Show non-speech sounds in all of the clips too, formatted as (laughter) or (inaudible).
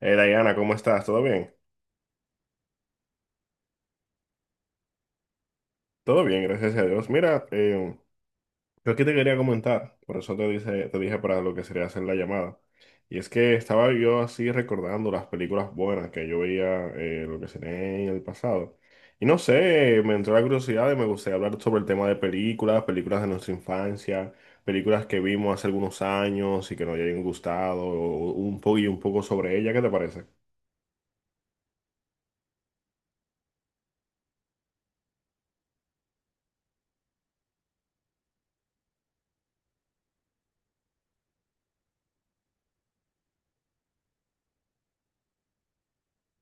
Diana, ¿cómo estás? ¿Todo bien? Todo bien, gracias a Dios. Mira, yo aquí te quería comentar, por eso te dije para lo que sería hacer la llamada. Y es que estaba yo así recordando las películas buenas que yo veía, lo que sería en el pasado. Y no sé, me entró la curiosidad y me gustaría hablar sobre el tema de películas, películas de nuestra infancia, películas que vimos hace algunos años y que nos hayan gustado, o un poco sobre ella, ¿qué te parece?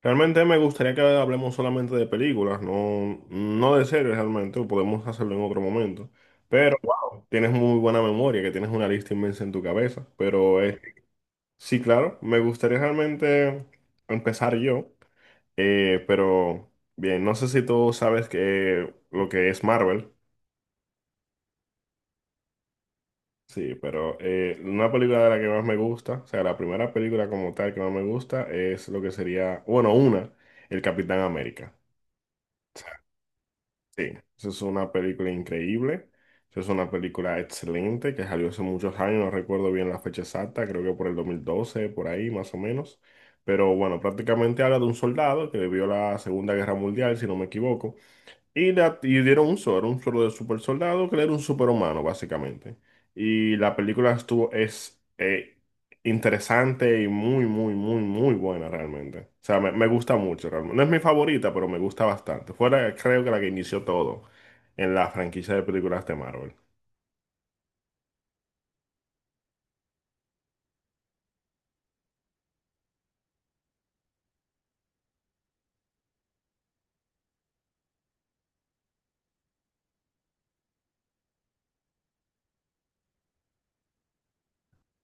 Realmente me gustaría que hablemos solamente de películas, no, no de series realmente, podemos hacerlo en otro momento. Pero, wow, tienes muy buena memoria, que tienes una lista inmensa en tu cabeza. Pero sí, claro, me gustaría realmente empezar yo. Pero bien, no sé si tú sabes que, lo que es Marvel. Sí, pero una película de la que más me gusta, o sea, la primera película como tal que más me gusta es lo que sería, bueno, una, El Capitán América. Sí, esa es una película increíble. Esa es una película excelente que salió hace muchos años, no recuerdo bien la fecha exacta, creo que por el 2012, por ahí más o menos. Pero bueno, prácticamente habla de un soldado que vivió la Segunda Guerra Mundial, si no me equivoco. Y, y dieron un solo, era un solo de super soldado, que era un superhumano, básicamente. Y es interesante y muy, muy, muy, muy buena realmente. O sea, me gusta mucho realmente. No es mi favorita, pero me gusta bastante. Creo que la que inició todo en la franquicia de películas de Marvel.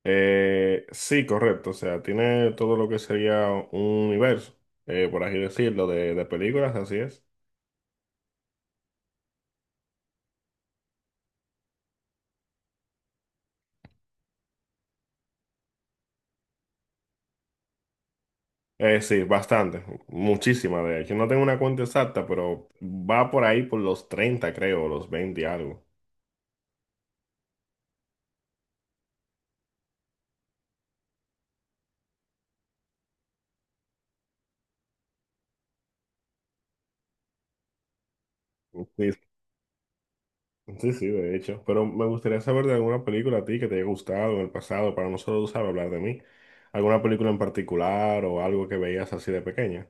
Sí, correcto. O sea, tiene todo lo que sería un universo, por así decirlo, de películas, así es. Sí, bastante, muchísima de hecho. No tengo una cuenta exacta, pero va por ahí por los 30, creo, los 20, y algo. Sí, sí, sí, de hecho. Pero me gustaría saber de alguna película a ti que te haya gustado en el pasado, para no solo usar hablar de mí. ¿Alguna película en particular o algo que veías así de pequeña?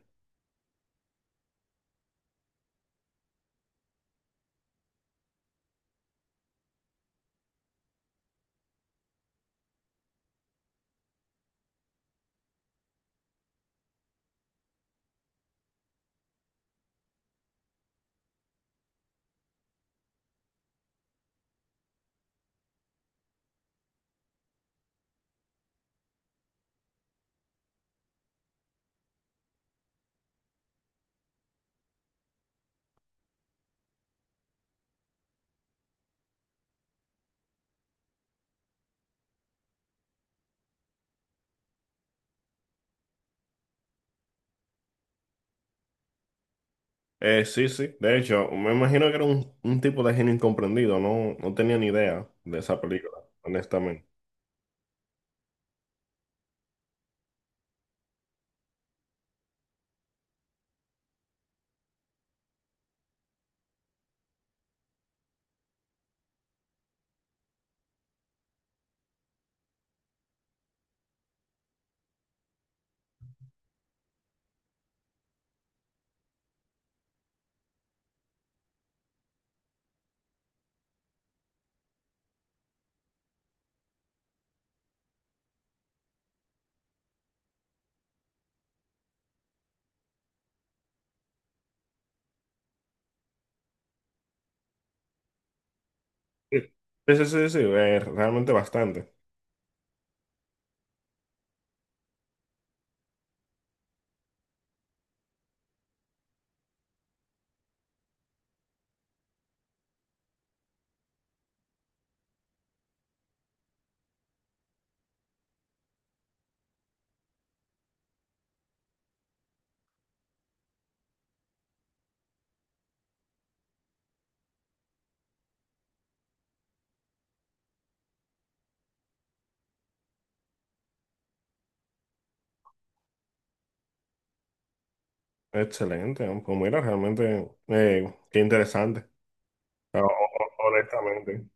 Sí, sí, de hecho, me imagino que era un tipo de genio incomprendido, no, no tenía ni idea de esa película, honestamente. Sí, sí, sí, sí, sí, realmente bastante. Excelente, ¿no? Pues mira, realmente, qué interesante, honestamente.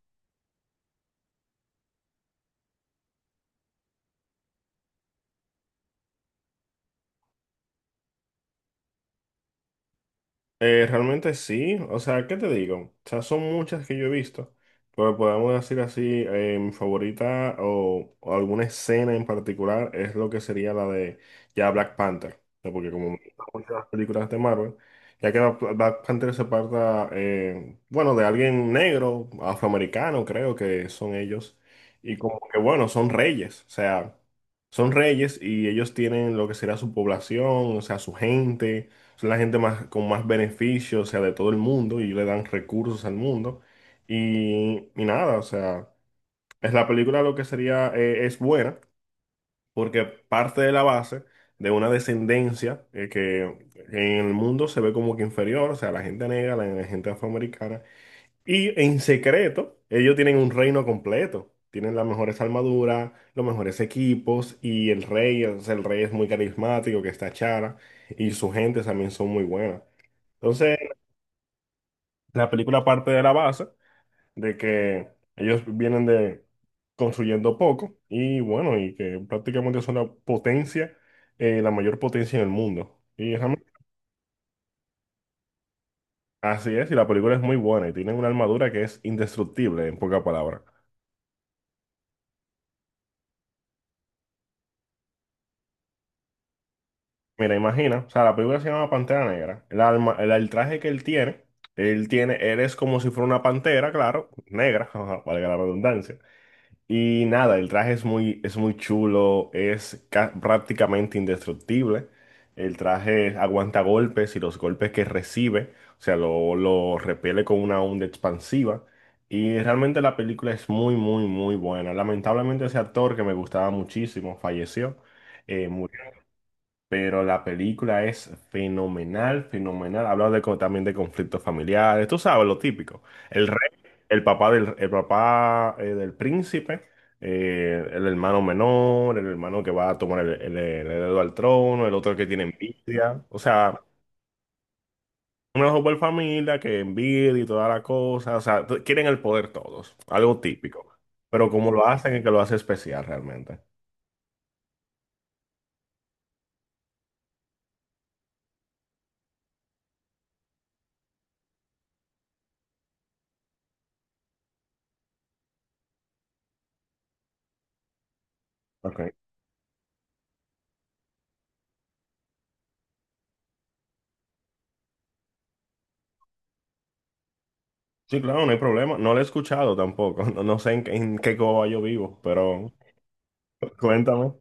Realmente sí, o sea, ¿qué te digo? O sea, son muchas que yo he visto, pero podemos decir así, mi favorita o alguna escena en particular es lo que sería la de ya Black Panther, ¿no? Porque como me gustan mucho las películas de Marvel, Black Panther se parta, bueno, de alguien negro, afroamericano creo que son ellos, y como que bueno, son reyes, o sea, son reyes y ellos tienen lo que sería su población, o sea, su gente son la gente más, con más beneficios, o sea, de todo el mundo y le dan recursos al mundo. Y nada, o sea, es la película lo que sería, es buena porque parte de la base de una descendencia que en el mundo se ve como que inferior, o sea, la gente negra, la gente afroamericana. Y en secreto, ellos tienen un reino completo. Tienen las mejores armaduras, los mejores equipos y el rey, o sea, el rey es muy carismático, que está Chara, y su gente también son muy buenas. Entonces, la película parte de la base de que ellos vienen de construyendo poco y bueno, y que prácticamente son la potencia, la mayor potencia en el mundo. Y realmente así es, y la película es muy buena y tienen una armadura que es indestructible, en pocas palabras. Mira, imagina, o sea, la película se llama Pantera Negra. El alma, el traje que él tiene, él tiene, él es como si fuera una pantera, claro, negra, (laughs) ajá, valga la redundancia. Y nada, el traje es muy chulo, prácticamente indestructible. El traje aguanta golpes y los golpes que recibe, o sea, lo repele con una onda expansiva. Y realmente la película es muy, muy, muy buena. Lamentablemente ese actor que me gustaba muchísimo falleció. Murió, pero la película es fenomenal, fenomenal. Habla de, también de conflictos familiares, tú sabes, lo típico. El rey, el papá, del príncipe, el hermano menor, el hermano que va a tomar el heredero al trono, el otro que tiene envidia. O sea, una super familia que envidia y toda la cosa. O sea, quieren el poder todos, algo típico. Pero como lo hacen, es que lo hace especial realmente. Ok. Sí, claro, no hay problema. No lo he escuchado tampoco. (laughs) No, no sé en qué Coba yo vivo, pero (laughs) cuéntame.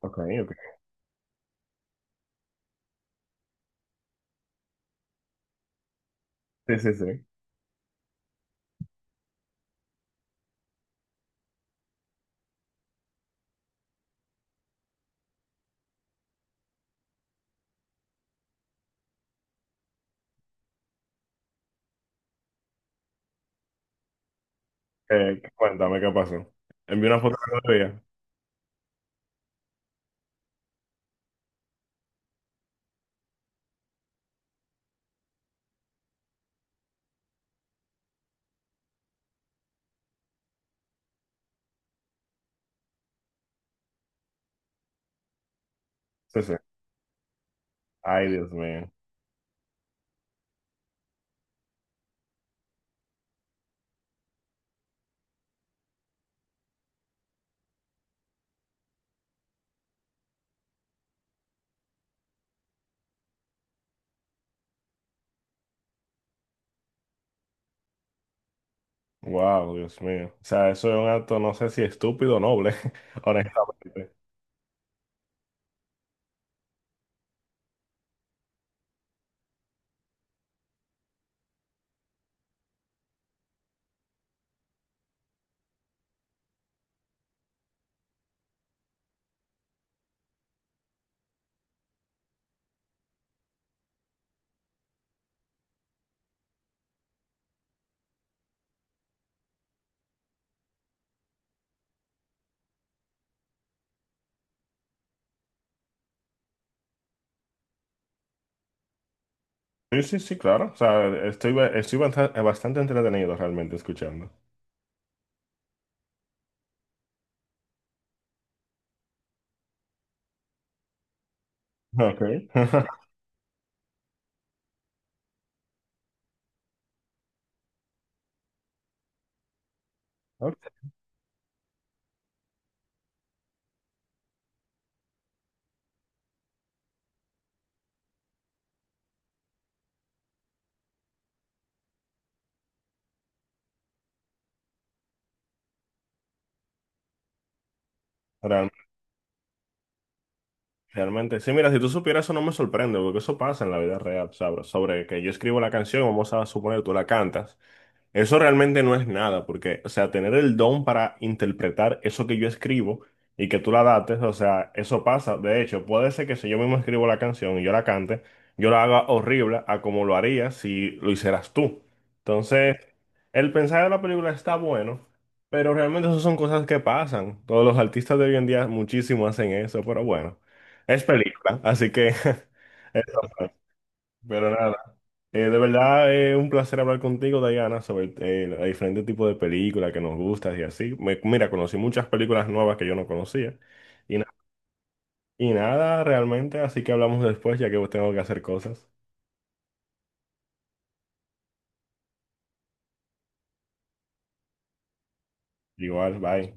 Ok, ok. Sí, sí, sí. Cuéntame qué pasó. Envié una foto de otro día. Sí, sí. Ay, Dios mío. Wow, Dios mío. O sea, eso es un acto, no sé si estúpido o noble, (laughs) honestamente. Sí, sí, sí, claro. O sea, estoy, ba- estoy basta- bastante entretenido realmente escuchando. Ok. (laughs) Ok. Realmente Realmente, sí, mira, si tú supieras eso no me sorprende, porque eso pasa en la vida real, ¿sabes? Sobre que yo escribo la canción, vamos a suponer tú la cantas. Eso realmente no es nada, porque, o sea, tener el don para interpretar eso que yo escribo y que tú la dates, o sea, eso pasa. De hecho, puede ser que si yo mismo escribo la canción y yo la cante, yo la haga horrible a como lo haría si lo hicieras tú. Entonces, el mensaje de la película está bueno, pero realmente eso son cosas que pasan. Todos los artistas de hoy en día muchísimo hacen eso, pero bueno, es película, así que (laughs) eso fue. Pero nada, de verdad es un placer hablar contigo, Diana, sobre los diferentes tipos de películas que nos gustan y así. Mira, conocí muchas películas nuevas que yo no conocía y, na- y nada realmente, así que hablamos después ya que tengo que hacer cosas. Igual, bye.